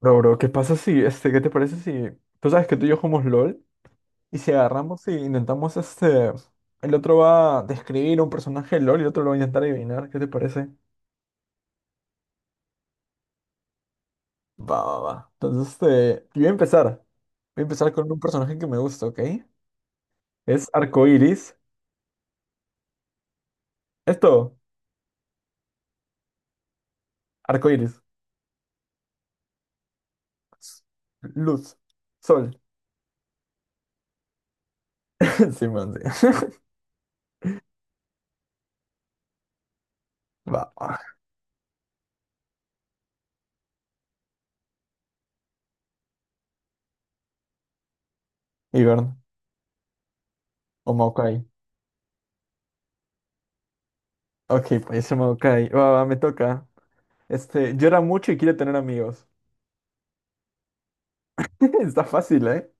Bro, bro, ¿qué pasa si, qué te parece si, tú sabes que tú y yo jugamos LOL, y si agarramos y intentamos, el otro va a describir un personaje de LOL y el otro lo va a intentar adivinar? ¿Qué te parece? Va, va, va. Entonces, yo voy a empezar. Voy a empezar con un personaje que me gusta, ¿ok? Es arcoiris. Esto, arcoiris, luz. Sol. Sí, man, sí. Va. Ivern. O Maokai. Ok, pues ese Maokai. Va, va, me toca. Llora mucho y quiere tener amigos. Está fácil, ¿eh?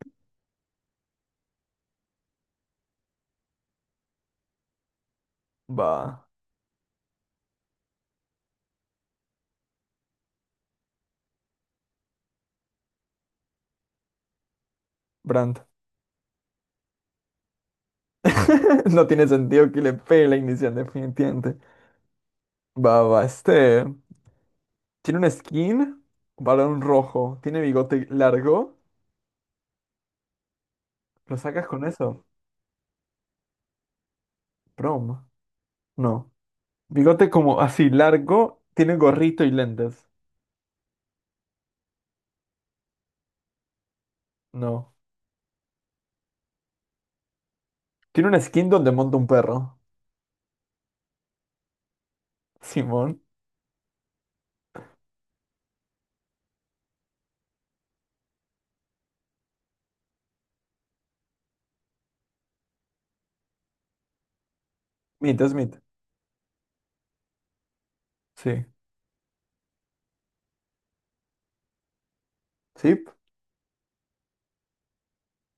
Va, Brandt. No tiene sentido que le pegue la inicial, definitivamente. Va, va, este. Tiene un skin, varón rojo. Tiene bigote largo. ¿Lo sacas con eso? Prom. No. Bigote como así, largo. Tiene gorrito y lentes. No. Tiene un skin donde monta un perro. Simón. Smith, Smith. Sí. Sí.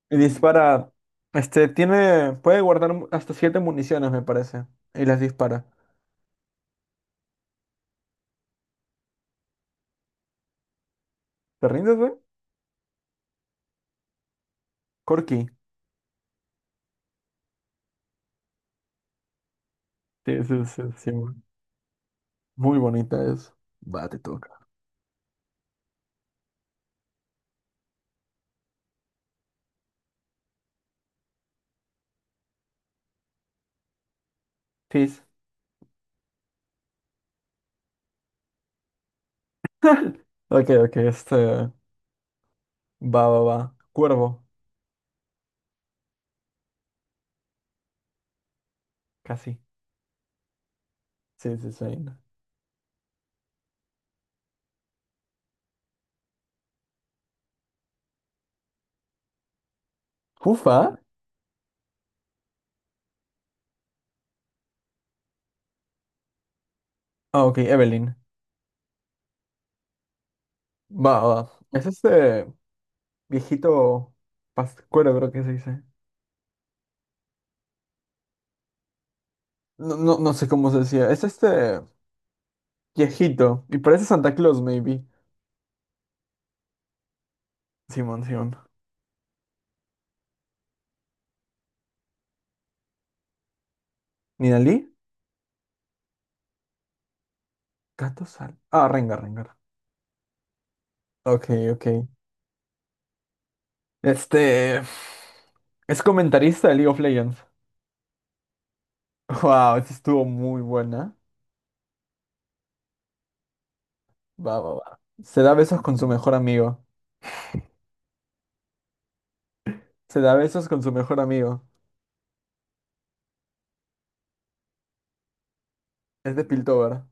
Y dispara. Este, tiene. Puede guardar hasta 7 municiones, me parece. Y las dispara. ¿Te rindes, güey? Corky. Sí, sí, sí, sí. Muy bonita es. Va, te toca. Fizz. Ok, ok, este. Va, va, va. Cuervo. Casi. Sí, sí, sí. Jufa. Ah, ok, Evelyn. Va, va. Es este viejito pascuero, creo que se dice. No, no, no sé cómo se decía. Es este viejito. Y parece Santa Claus, maybe. Simón, Simón. ¿Ninalí? Gato sal. Ah, Rengar, Rengar. Ok, ok. Este. Es comentarista de League of Legends. Wow, esta estuvo muy buena. Va, va, va. Se da besos con su mejor amigo. Se da besos con su mejor amigo. Es de Piltover.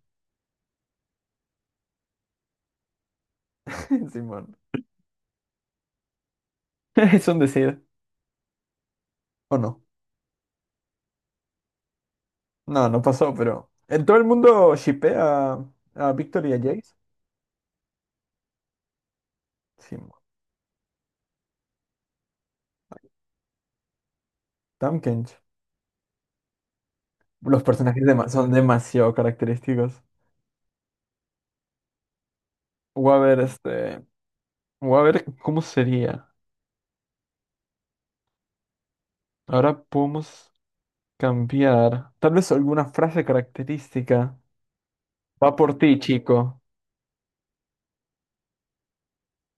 Simón. Es un decir. ¿O no? No, no pasó, pero. ¿En todo el mundo shippea a Victor y a Jace? Simón. Tamkench. Los personajes son demasiado característicos. Voy a ver, este. Voy a ver cómo sería. Ahora podemos cambiar. Tal vez alguna frase característica. Va por ti, chico.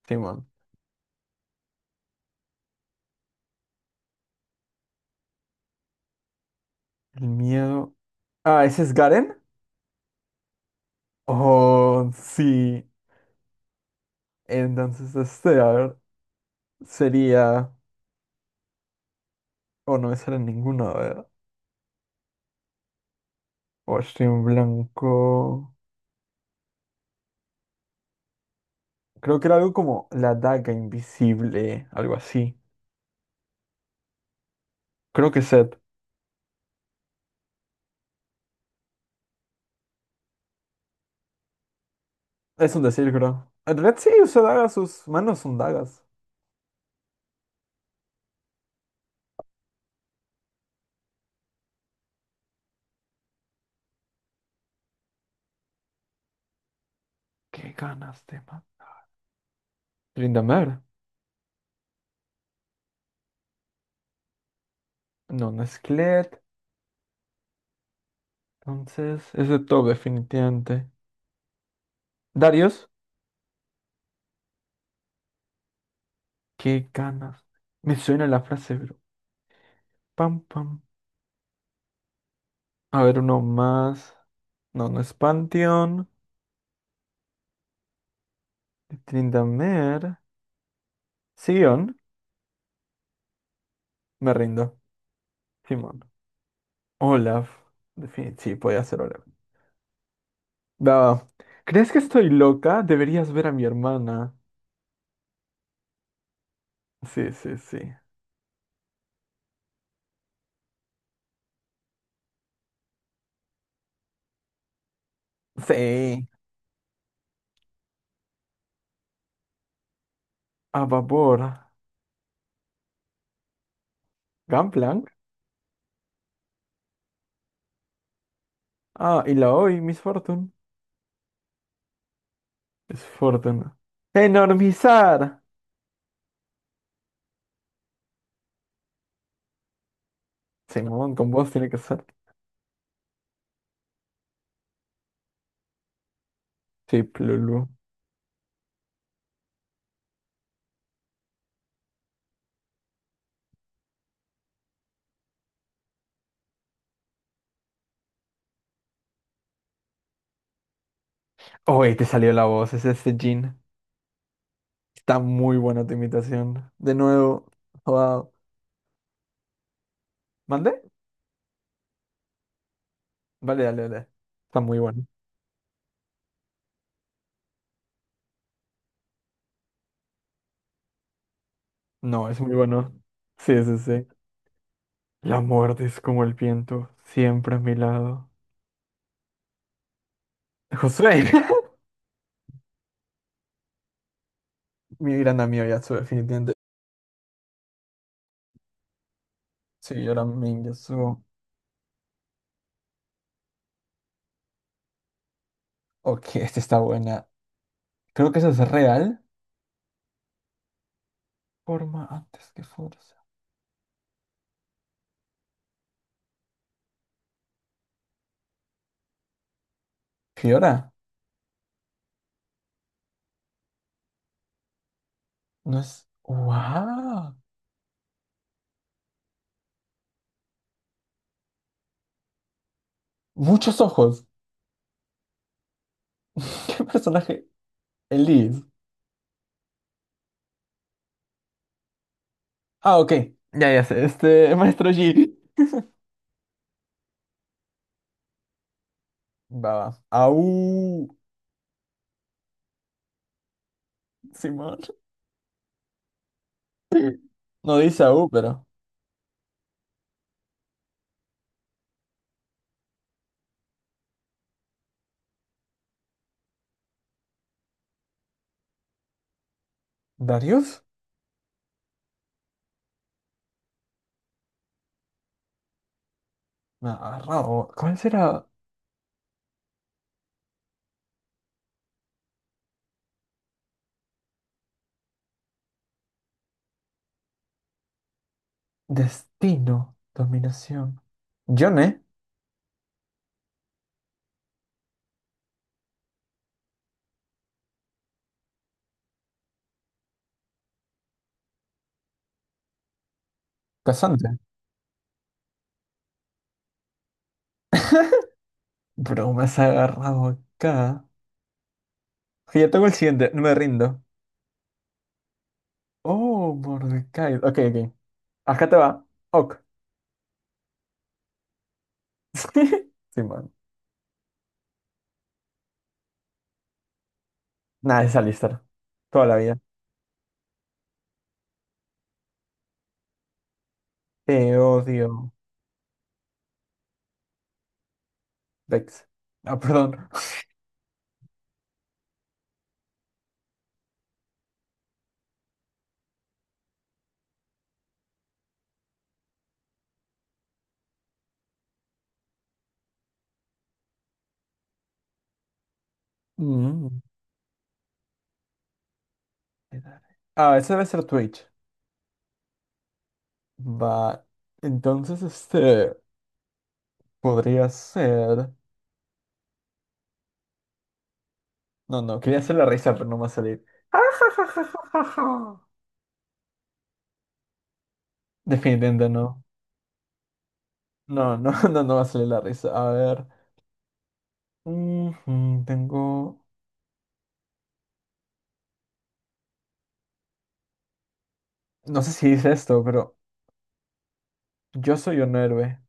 Simón. El miedo. Ah, ¿ese es Garen? Oh, sí. Entonces este, a ver, sería. O no me sale ninguno, a ver. O estoy en blanco. Creo que era algo como la daga invisible, algo así. Creo que Seth. Es un decir, creo. En realidad sí, usa dagas, sus manos son dagas. Qué ganas, tema. Tryndamere. No, no es Kled. Entonces, es de todo, definitivamente. Darius. Qué ganas. Me suena la frase, bro. Pam, pam. A ver, uno más. No, no es Pantheon. Tryndamere. Sion. Me rindo. Simón. Olaf. Sí, podía ser Olaf. Va, ¿crees que estoy loca? Deberías ver a mi hermana. Sí, sí, sí. Sí. A vapor. Gangplank. Ah, y la hoy, Miss Fortune. Es Fortune. ¡Enormizar! Simón, con voz tiene que ser. Sí, Lulu. Oye, te salió la voz, es este Jean. Está muy buena tu imitación. De nuevo, wow. ¿Mandé? Vale, dale, dale. Está muy bueno. No, es muy bueno. Sí, sí, sí. La muerte es como el viento, siempre a mi lado. Josué. Mi gran amigo Yasuo, definitivamente. Sí, yo también Yasuo. Ok, esta está buena. Creo que eso es real. Forma antes que fuerza. Fiora. No es. ¡Wow! Muchos ojos. ¿Qué personaje? Elise. Ah, ok. Ya sé. Este, Maestro Yi. Va, va. Au, Simón. No dice au, pero. ¿Darius? Me ha agarrado. ¿Cuál será? Destino, dominación. Yone, casante. Bro, me has agarrado acá. Ok, ya tengo el siguiente, no me rindo. Oh, Mordecai. Ok, ok. Acá te va. Ok. Simón. Nada, es Alistar. Toda la vida. Te odio, Vex. Ah, perdón. Mm. Ah, ese debe ser Twitch. Va, entonces este podría ser. No, no, quería hacer la risa, pero no va a salir. Definitivamente no. No, no, no, no va a salir la risa. A ver. Ujú, tengo. No sé si dice esto, pero yo soy un héroe.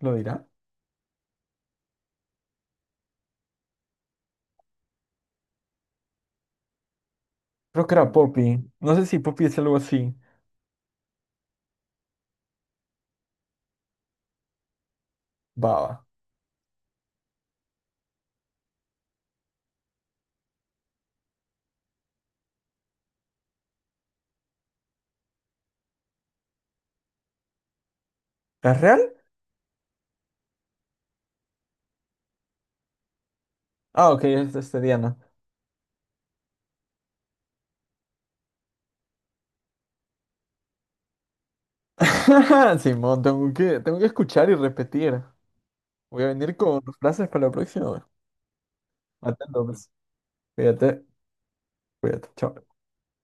¿Lo dirá? Creo que era Poppy. No sé si Poppy es algo así. Baba. ¿Es real? Ah, ok, es este Diana. Simón, tengo que escuchar y repetir. Voy a venir con frases para la próxima. Atento, pues. Cuídate, cuídate, chao.